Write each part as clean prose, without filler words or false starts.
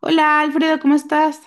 Hola Alfredo, ¿cómo estás?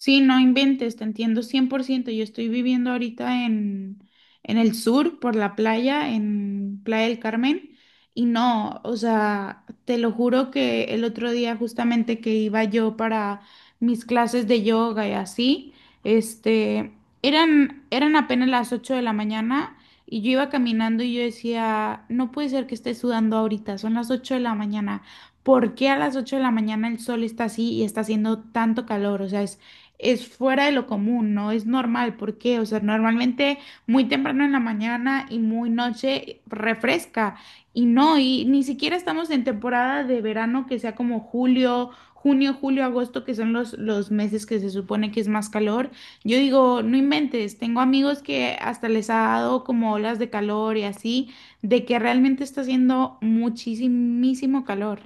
Sí, no inventes, te entiendo 100%. Yo estoy viviendo ahorita en el sur, por la playa, en Playa del Carmen, y no, o sea, te lo juro que el otro día justamente que iba yo para mis clases de yoga y así, este, eran, eran apenas las 8 de la mañana y yo iba caminando y yo decía, no puede ser que esté sudando ahorita, son las 8 de la mañana. ¿Por qué a las 8 de la mañana el sol está así y está haciendo tanto calor? O sea, es fuera de lo común, no es normal, ¿por qué? O sea, normalmente muy temprano en la mañana y muy noche refresca, y no, y ni siquiera estamos en temporada de verano que sea como julio, junio, julio, agosto, que son los meses que se supone que es más calor. Yo digo, no inventes, tengo amigos que hasta les ha dado como olas de calor y así, de que realmente está haciendo muchísimo calor.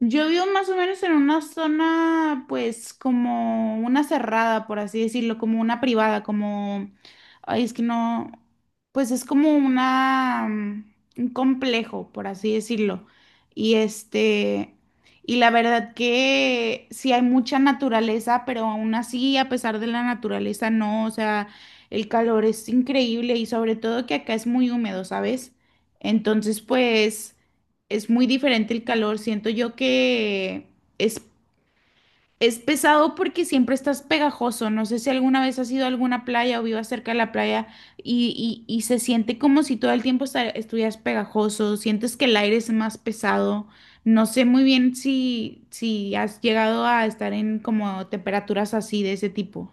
Yo vivo más o menos en una zona, pues, como una cerrada, por así decirlo, como una privada, como, ay, es que no, pues es como una, un complejo, por así decirlo. Y este, y la verdad que sí hay mucha naturaleza, pero aún así, a pesar de la naturaleza, no, o sea, el calor es increíble y sobre todo que acá es muy húmedo, ¿sabes? Entonces, pues, es muy diferente el calor. Siento yo que es, es pesado porque siempre estás pegajoso. No sé si alguna vez has ido a alguna playa o vivas cerca de la playa y, y se siente como si todo el tiempo estuvieras pegajoso. Sientes que el aire es más pesado. No sé muy bien si, si has llegado a estar en como temperaturas así de ese tipo.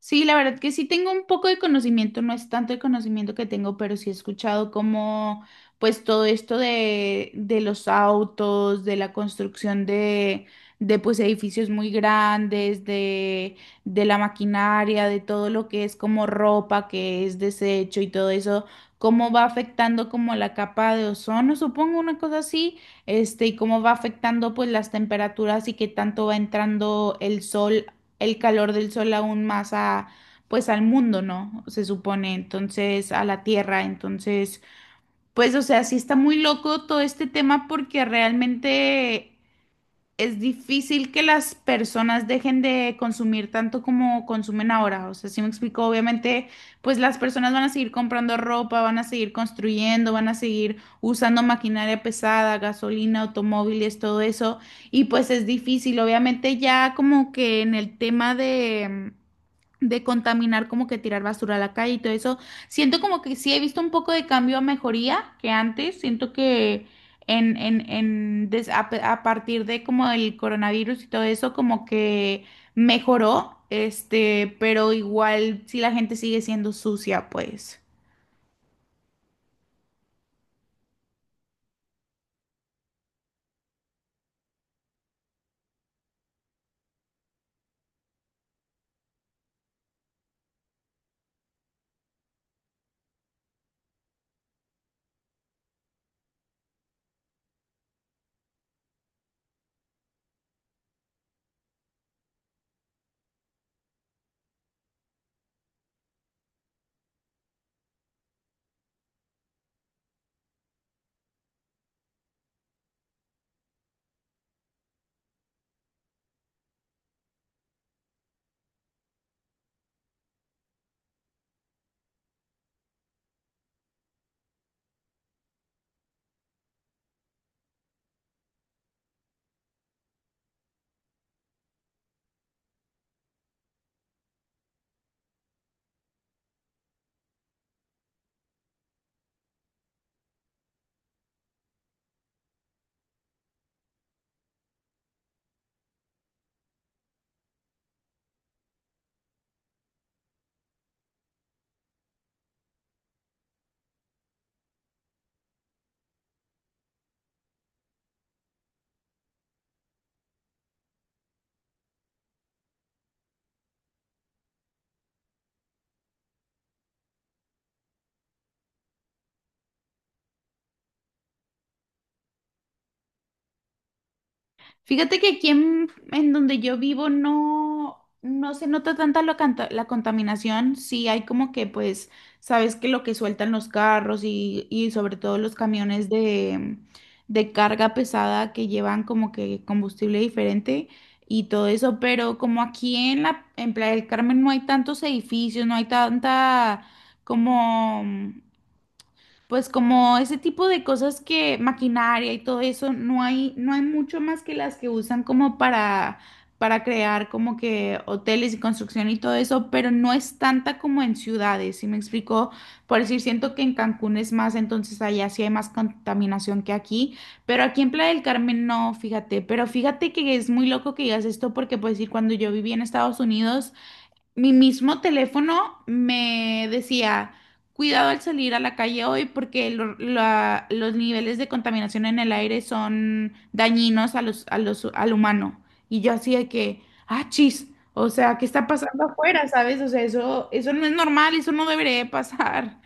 Sí, la verdad que sí tengo un poco de conocimiento, no es tanto el conocimiento que tengo, pero sí he escuchado como pues todo esto de los autos, de la construcción de pues edificios muy grandes, de la maquinaria, de todo lo que es como ropa, que es desecho y todo eso, cómo va afectando como la capa de ozono, supongo una cosa así, y cómo va afectando pues las temperaturas y qué tanto va entrando el sol el calor del sol aún más a, pues al mundo, ¿no? Se supone, entonces, a la Tierra, entonces, pues, o sea, sí está muy loco todo este tema porque realmente es difícil que las personas dejen de consumir tanto como consumen ahora. O sea, si me explico, obviamente, pues las personas van a seguir comprando ropa, van a seguir construyendo, van a seguir usando maquinaria pesada, gasolina, automóviles, todo eso. Y pues es difícil, obviamente, ya como que en el tema de contaminar, como que tirar basura a la calle y todo eso. Siento como que sí he visto un poco de cambio a mejoría que antes. Siento que en, a partir de como el coronavirus y todo eso, como que mejoró, pero igual si la gente sigue siendo sucia, pues. Fíjate que aquí en donde yo vivo no, no se nota tanta la contaminación. Sí hay como que, pues, sabes que lo que sueltan los carros y sobre todo los camiones de carga pesada que llevan como que combustible diferente y todo eso, pero como aquí en en Playa del Carmen no hay tantos edificios, no hay tanta como pues como ese tipo de cosas que maquinaria y todo eso, no hay, no hay mucho más que las que usan como para crear como que hoteles y construcción y todo eso, pero no es tanta como en ciudades, ¿sí me explico? Por decir, siento que en Cancún es más, entonces allá sí hay más contaminación que aquí, pero aquí en Playa del Carmen no, fíjate, pero fíjate que es muy loco que digas esto porque pues decir, cuando yo viví en Estados Unidos, mi mismo teléfono me decía, cuidado al salir a la calle hoy porque los niveles de contaminación en el aire son dañinos a los, al humano. Y yo hacía que, ah, chis, o sea, ¿qué está pasando afuera, sabes? O sea, eso no es normal, eso no debería de pasar.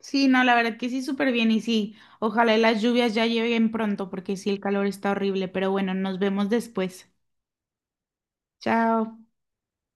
Sí, no, la verdad que sí, súper bien y sí, ojalá y las lluvias ya lleguen pronto porque sí, el calor está horrible, pero bueno, nos vemos después. Chao.